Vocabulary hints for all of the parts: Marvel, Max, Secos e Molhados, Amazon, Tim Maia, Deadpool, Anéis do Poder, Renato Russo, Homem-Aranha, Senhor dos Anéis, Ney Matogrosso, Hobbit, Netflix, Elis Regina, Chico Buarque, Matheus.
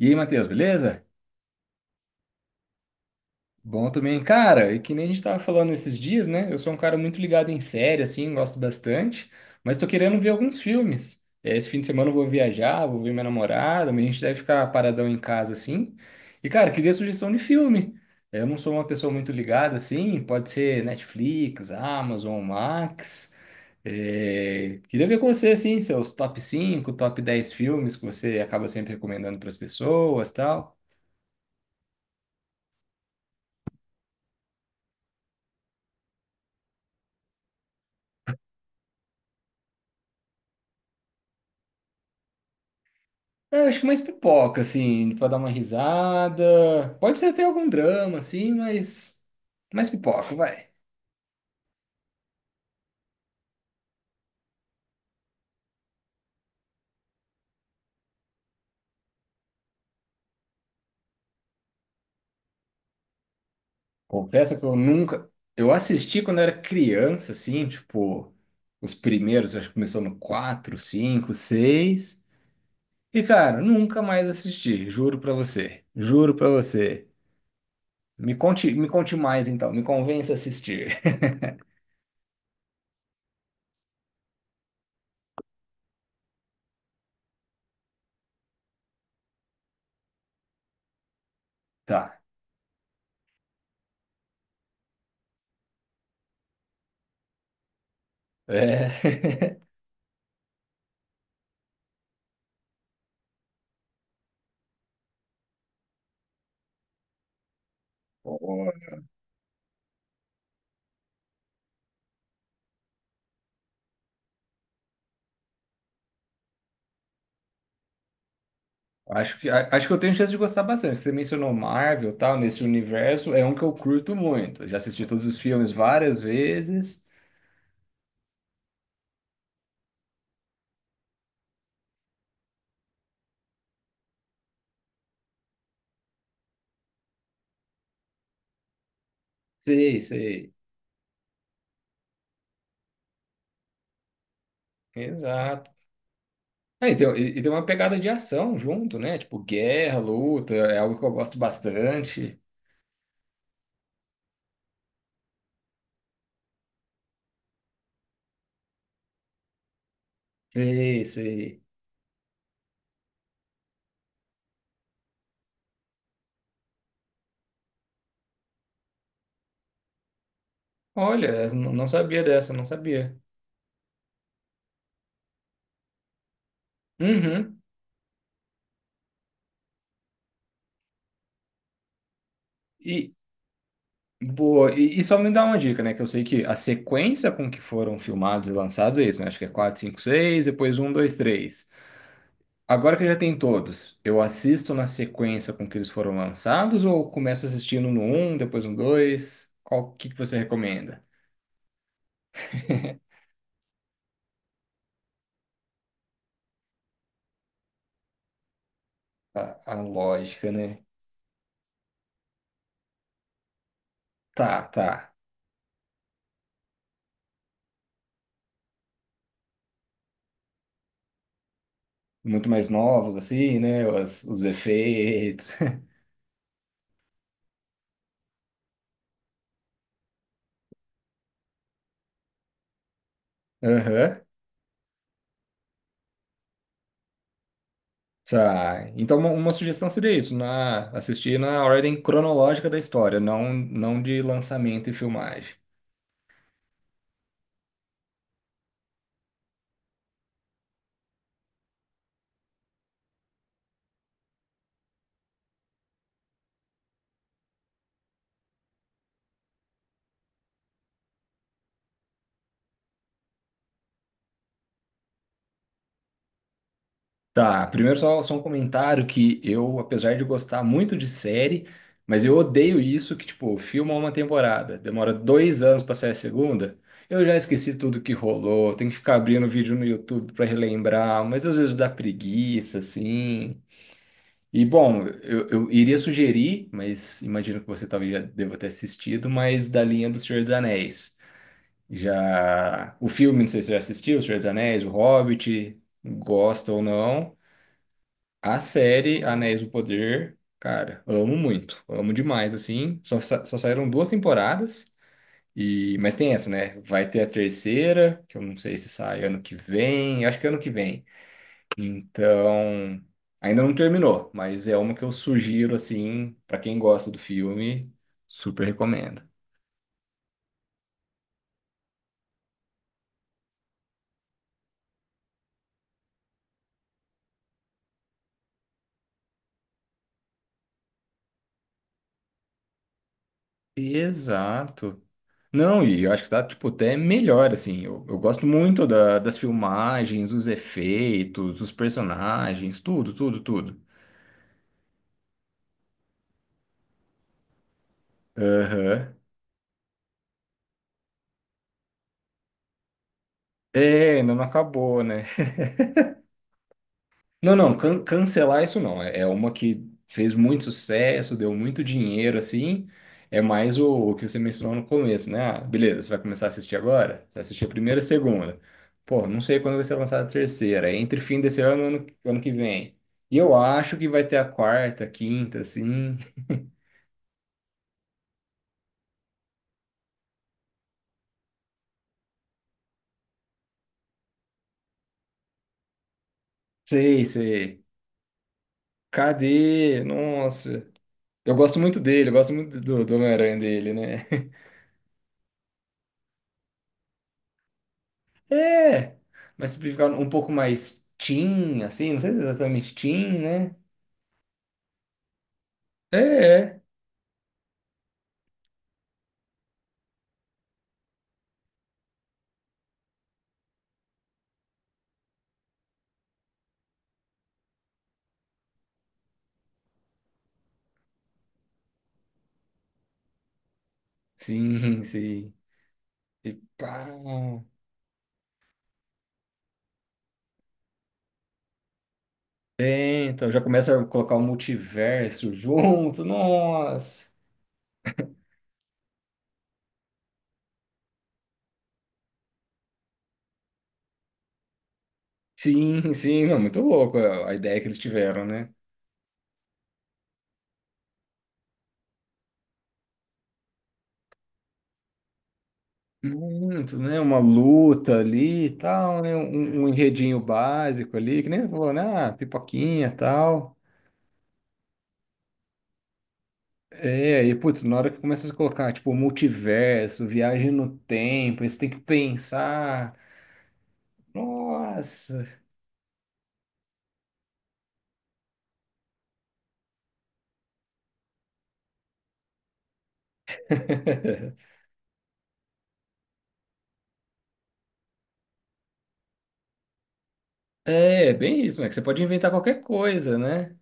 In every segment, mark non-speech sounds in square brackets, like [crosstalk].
E aí, Matheus, beleza? Bom também. Cara, e que nem a gente tava falando esses dias, né? Eu sou um cara muito ligado em série, assim, gosto bastante, mas tô querendo ver alguns filmes. Esse fim de semana eu vou viajar, vou ver minha namorada, mas a gente deve ficar paradão em casa, assim. E, cara, queria sugestão de filme. Eu não sou uma pessoa muito ligada, assim, pode ser Netflix, Amazon, Max. Queria ver com você, assim, seus top 5, top 10 filmes que você acaba sempre recomendando para as pessoas, tal. Eu acho que mais pipoca, assim, pra dar uma risada. Pode ser até algum drama, assim, mas mais pipoca, vai. Confesso que eu nunca. Eu assisti quando era criança, assim, tipo, os primeiros, acho que começou no 4, cinco, 6. E, cara, nunca mais assisti, juro pra você. Juro pra você. Me conte mais, então, me convença a assistir. [laughs] Tá. É. [laughs] Acho que, acho que eu tenho chance de gostar bastante. Você mencionou Marvel, e tal, nesse universo, é um que eu curto muito. Já assisti todos os filmes várias vezes. Sei, sei. Exato. Ah, e tem, e tem uma pegada de ação junto, né? Tipo, guerra, luta, é algo que eu gosto bastante. Sei, sei. Olha, eu não sabia dessa, não sabia. Uhum. E, boa, e só me dá uma dica, né? Que eu sei que a sequência com que foram filmados e lançados é isso, né? Acho que é 4, 5, 6, depois um, 2, 3. Agora que já tem todos, eu assisto na sequência com que eles foram lançados ou começo assistindo no um depois no 2? Qual que você recomenda? [laughs] A, a lógica, né? Tá, tá. Muito mais novos, assim, né? Os efeitos. [laughs] Aham. Tá. Então, uma sugestão seria isso, na, assistir na ordem cronológica da história, não, não de lançamento e filmagem. Tá, primeiro só, só um comentário que eu, apesar de gostar muito de série, mas eu odeio isso que, tipo, filma uma temporada, demora dois anos pra sair a segunda. Eu já esqueci tudo que rolou, tem que ficar abrindo vídeo no YouTube pra relembrar, mas às vezes dá preguiça, assim. E, bom, eu iria sugerir, mas imagino que você talvez já deva ter assistido, mas da linha do Senhor dos Anéis. Já... O filme, não sei se você já assistiu, O Senhor dos Anéis, O Hobbit, gosta ou não. A série Anéis do Poder, cara, amo muito, amo demais, assim. Só, só saíram duas temporadas, e mas tem essa, né? Vai ter a terceira, que eu não sei se sai ano que vem, eu acho que é ano que vem. Então, ainda não terminou, mas é uma que eu sugiro, assim, pra quem gosta do filme, super recomendo. Exato. Não, e eu acho que tá, tipo, até melhor, assim. Eu gosto muito das filmagens, dos efeitos, dos personagens, tudo, tudo, tudo. Aham. É, ainda não acabou, né? Não, não, cancelar isso não. É, é uma que fez muito sucesso, deu muito dinheiro, assim. É mais o que você mencionou no começo, né? Ah, beleza, você vai começar a assistir agora? Você vai assistir a primeira e a segunda. Pô, não sei quando vai ser lançada a terceira. É entre fim desse ano e ano, ano que vem. E eu acho que vai ter a quarta, quinta, assim. [laughs] Sei, sei. Cadê? Nossa. Eu gosto muito dele, eu gosto muito do, do Homem-Aranha dele, né? É, mas simplificar um pouco mais teen, assim, não sei se é exatamente teen, né? É, é. Sim, [laughs] sim. E pá. É, então já começa a colocar o multiverso junto, nossa. Sim, sim, não, muito louco a ideia que eles tiveram, né? Muito, né? Uma luta ali e tal, né? Um enredinho básico ali, que nem falou, né? Ah, pipoquinha e tal. É, e putz, na hora que começa a colocar, tipo, multiverso, viagem no tempo, aí você tem que pensar. Nossa! [laughs] É, é bem isso, né? Que você pode inventar qualquer coisa, né?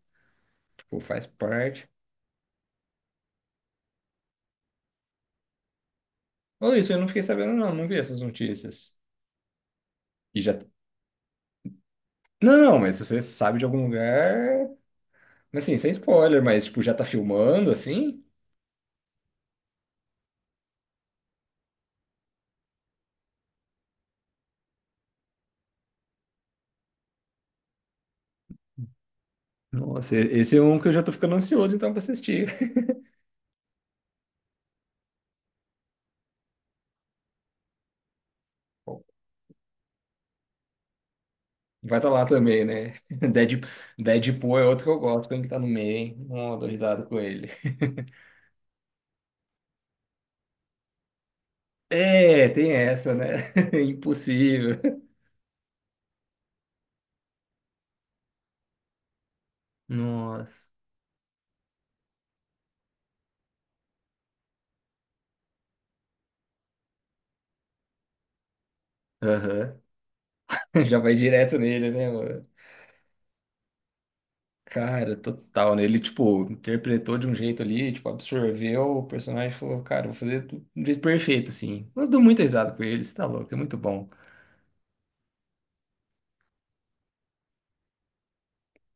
Tipo, faz parte. Ou isso, eu não fiquei sabendo, não, não vi essas notícias. E já. Não, não, mas se você sabe de algum lugar. Mas assim, sem spoiler, mas tipo, já tá filmando assim? Nossa, esse é um que eu já tô ficando ansioso então pra assistir. [laughs] Vai estar lá também, né? [laughs] Deadp- Deadpool é outro que eu gosto quando ele tá no meio, hein? Não, dou risada com ele. É, tem essa, né? [laughs] Impossível. Nossa. Aham. [laughs] Já vai direto nele, né, mano? Cara, total, né? Ele, tipo, interpretou de um jeito ali, tipo, absorveu o personagem e falou, cara, vou fazer do jeito perfeito, assim. Eu dou muita risada com ele, você tá louco, é muito bom.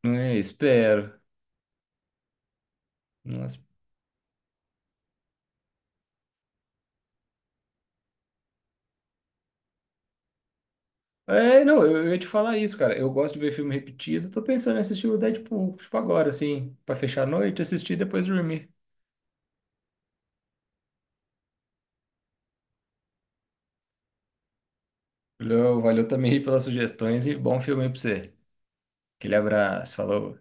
É, espero. Nossa, é, não, eu ia te falar isso, cara. Eu gosto de ver filme repetido. Tô pensando em assistir o Deadpool, tipo agora, assim, pra fechar a noite, assistir e depois dormir. Valeu, valeu também aí pelas sugestões e bom filme aí pra você. Aquele abraço, falou.